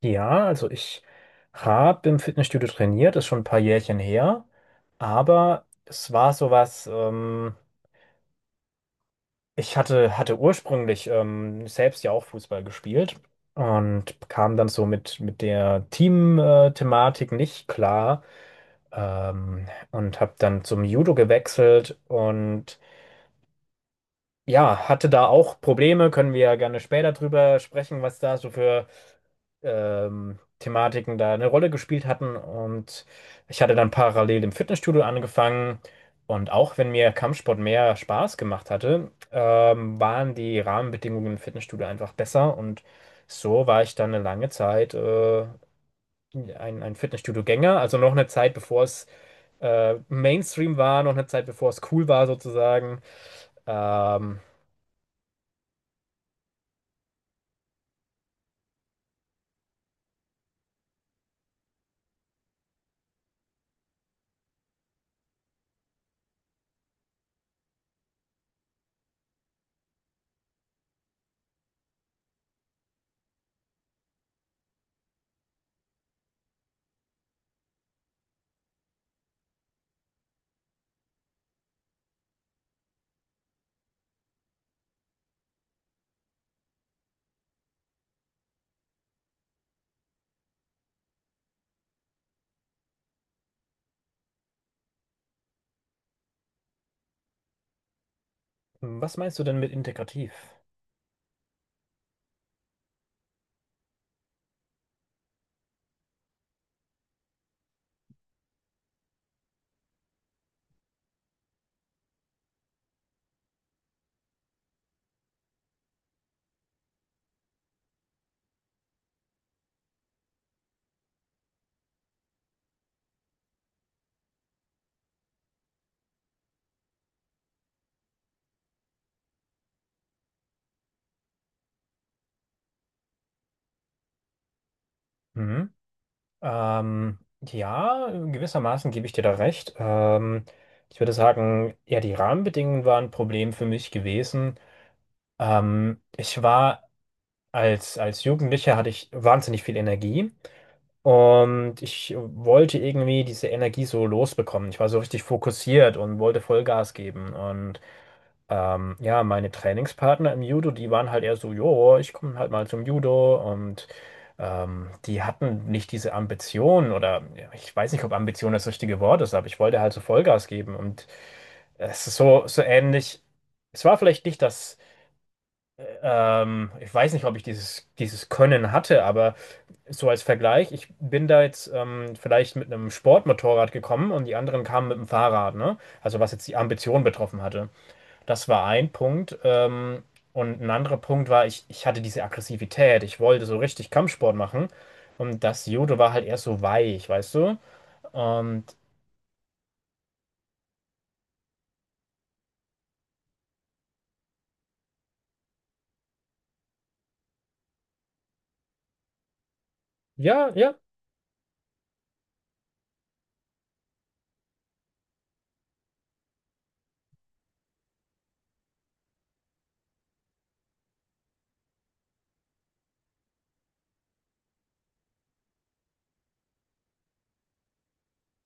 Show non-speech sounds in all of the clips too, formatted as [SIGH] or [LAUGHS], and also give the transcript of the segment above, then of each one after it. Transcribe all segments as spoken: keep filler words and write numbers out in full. Ja, also ich habe im Fitnessstudio trainiert, ist schon ein paar Jährchen her, aber es war sowas, ähm, ich hatte, hatte ursprünglich ähm, selbst ja auch Fußball gespielt und kam dann so mit, mit der Team-Thematik nicht klar, ähm, und habe dann zum Judo gewechselt und ja, hatte da auch Probleme, können wir ja gerne später drüber sprechen, was da so für ähm, Thematiken da eine Rolle gespielt hatten. Und ich hatte dann parallel im Fitnessstudio angefangen. Und auch wenn mir Kampfsport mehr Spaß gemacht hatte, ähm, waren die Rahmenbedingungen im Fitnessstudio einfach besser. Und so war ich dann eine lange Zeit äh, ein, ein Fitnessstudio-Gänger. Also noch eine Zeit, bevor es äh, Mainstream war, noch eine Zeit, bevor es cool war sozusagen. Ähm, Was meinst du denn mit integrativ? Mhm. Ähm, ja, gewissermaßen gebe ich dir da recht. Ähm, ich würde sagen, ja, die Rahmenbedingungen waren ein Problem für mich gewesen. Ähm, ich war als, als Jugendlicher hatte ich wahnsinnig viel Energie und ich wollte irgendwie diese Energie so losbekommen. Ich war so richtig fokussiert und wollte Vollgas geben und Ähm, ja, meine Trainingspartner im Judo, die waren halt eher so, jo, ich komme halt mal zum Judo und ähm, die hatten nicht diese Ambition oder ja, ich weiß nicht, ob Ambition das richtige Wort ist, aber ich wollte halt so Vollgas geben und es ist so, so ähnlich. Es war vielleicht nicht das, äh, ähm, ich weiß nicht, ob ich dieses, dieses Können hatte, aber so als Vergleich, ich bin da jetzt ähm, vielleicht mit einem Sportmotorrad gekommen und die anderen kamen mit dem Fahrrad, ne? Also was jetzt die Ambition betroffen hatte. Das war ein Punkt. Ähm, und ein anderer Punkt war, ich, ich hatte diese Aggressivität. Ich wollte so richtig Kampfsport machen. Und das Judo war halt eher so weich, weißt du? Und ja, ja,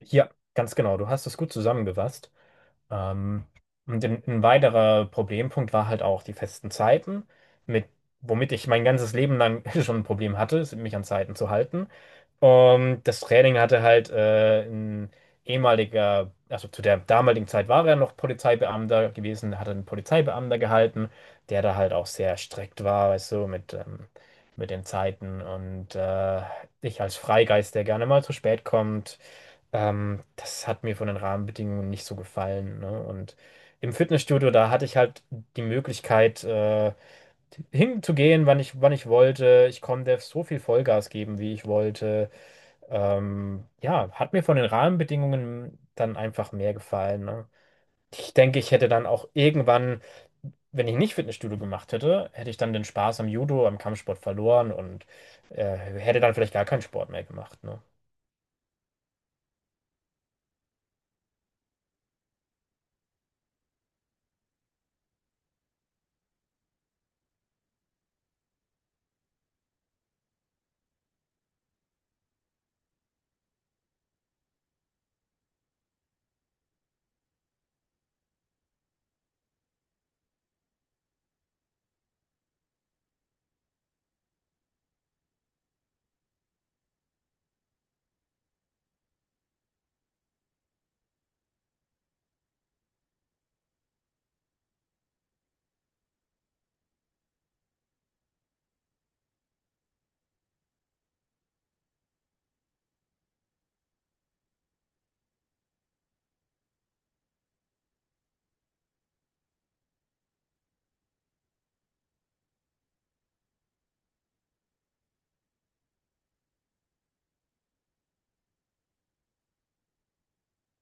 ja, ganz genau. Du hast es gut zusammengefasst. Ähm, und ein, ein weiterer Problempunkt war halt auch die festen Zeiten, mit, womit ich mein ganzes Leben lang [LAUGHS] schon ein Problem hatte, mich an Zeiten zu halten. Und das Training hatte halt äh, ein ehemaliger, also zu der damaligen Zeit war er noch Polizeibeamter gewesen, hatte einen Polizeibeamter gehalten, der da halt auch sehr strikt war, weißt du, mit, ähm, mit den Zeiten. Und äh, ich als Freigeist, der gerne mal zu spät kommt, ähm, das hat mir von den Rahmenbedingungen nicht so gefallen, ne? Und im Fitnessstudio, da hatte ich halt die Möglichkeit, äh, hinzugehen, wann ich, wann ich wollte. Ich konnte so viel Vollgas geben, wie ich wollte. Ähm, ja, hat mir von den Rahmenbedingungen dann einfach mehr gefallen, ne? Ich denke, ich hätte dann auch irgendwann, wenn ich nicht Fitnessstudio gemacht hätte, hätte ich dann den Spaß am Judo, am Kampfsport verloren und äh, hätte dann vielleicht gar keinen Sport mehr gemacht, ne?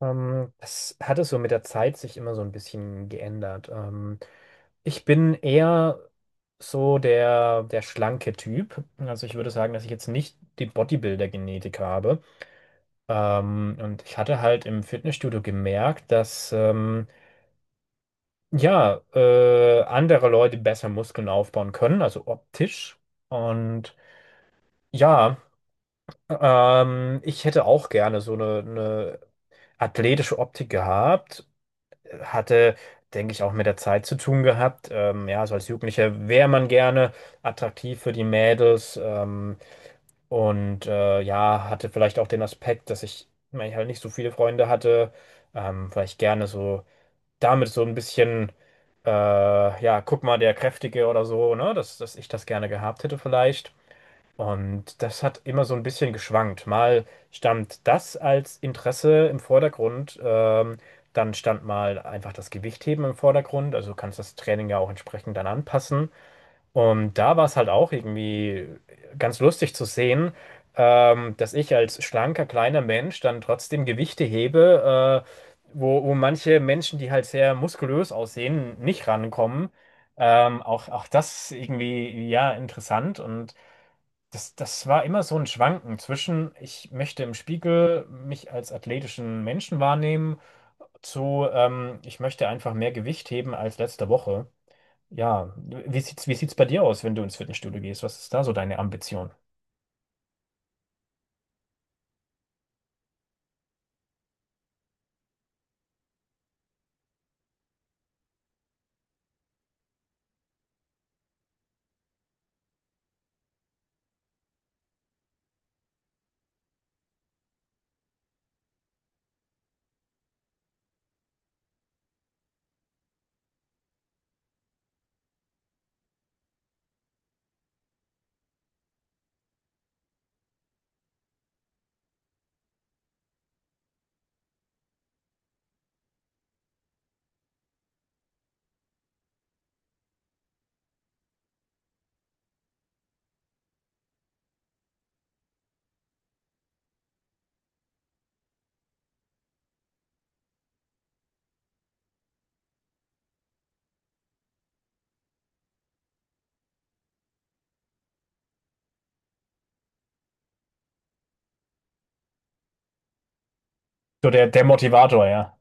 Ähm, das hat es so mit der Zeit sich immer so ein bisschen geändert. Ähm, ich bin eher so der, der schlanke Typ. Also ich würde sagen, dass ich jetzt nicht die Bodybuilder-Genetik habe. Ähm, und ich hatte halt im Fitnessstudio gemerkt, dass ähm, ja, äh, andere Leute besser Muskeln aufbauen können, also optisch. Und ja, ähm, ich hätte auch gerne so eine, eine athletische Optik gehabt. Hatte, denke ich, auch mit der Zeit zu tun gehabt. Ähm, ja, so als Jugendlicher wäre man gerne attraktiv für die Mädels. Ähm, und äh, ja, hatte vielleicht auch den Aspekt, dass ich, weil ich halt nicht so viele Freunde hatte, ähm, vielleicht gerne so damit so ein bisschen, äh, ja, guck mal, der Kräftige oder so, ne, dass, dass ich das gerne gehabt hätte vielleicht. Und das hat immer so ein bisschen geschwankt. Mal stand das als Interesse im Vordergrund, ähm, dann stand mal einfach das Gewichtheben im Vordergrund. Also du kannst das Training ja auch entsprechend dann anpassen. Und da war es halt auch irgendwie ganz lustig zu sehen, ähm, dass ich als schlanker, kleiner Mensch dann trotzdem Gewichte hebe, äh, wo, wo manche Menschen, die halt sehr muskulös aussehen, nicht rankommen. Ähm, auch, auch das irgendwie, ja, interessant und das, das war immer so ein Schwanken zwischen, ich möchte im Spiegel mich als athletischen Menschen wahrnehmen, zu, ähm, ich möchte einfach mehr Gewicht heben als letzte Woche. Ja, wie sieht's, wie sieht's bei dir aus, wenn du ins Fitnessstudio gehst? Was ist da so deine Ambition? So der, der Motivator, ja.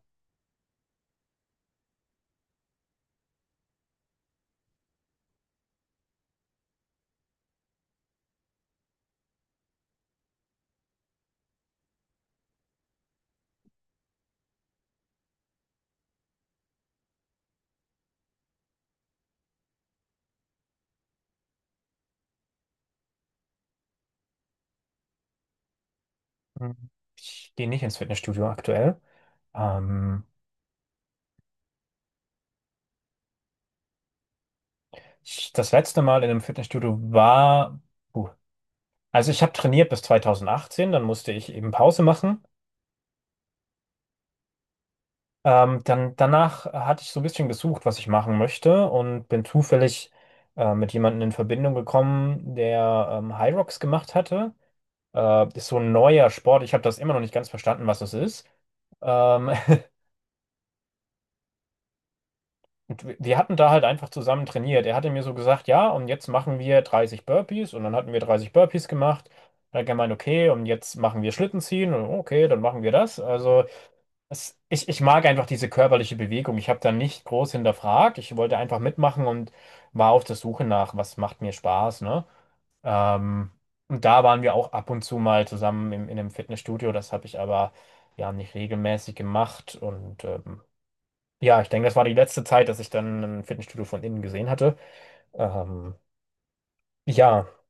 Mhm. Ich gehe nicht ins Fitnessstudio aktuell. Ähm, ich, das letzte Mal in einem Fitnessstudio war, puh, also ich habe trainiert bis zwanzig achtzehn, dann musste ich eben Pause machen. Ähm, dann, danach äh, hatte ich so ein bisschen gesucht, was ich machen möchte und bin zufällig äh, mit jemandem in Verbindung gekommen, der ähm, High Rocks gemacht hatte. Äh, ist so ein neuer Sport. Ich habe das immer noch nicht ganz verstanden, was das ist. Ähm, [LAUGHS] und wir wir hatten da halt einfach zusammen trainiert. Er hatte mir so gesagt, ja, und jetzt machen wir dreißig Burpees und dann hatten wir dreißig Burpees gemacht. Dann hat er gemeint, okay, und jetzt machen wir Schlitten ziehen und okay, dann machen wir das. Also das, ich, ich mag einfach diese körperliche Bewegung. Ich habe da nicht groß hinterfragt. Ich wollte einfach mitmachen und war auf der Suche nach, was macht mir Spaß, ne? Ähm, und da waren wir auch ab und zu mal zusammen im, in einem Fitnessstudio. Das habe ich aber ja nicht regelmäßig gemacht. Und ähm, ja, ich denke, das war die letzte Zeit, dass ich dann ein Fitnessstudio von innen gesehen hatte. Ähm, ja.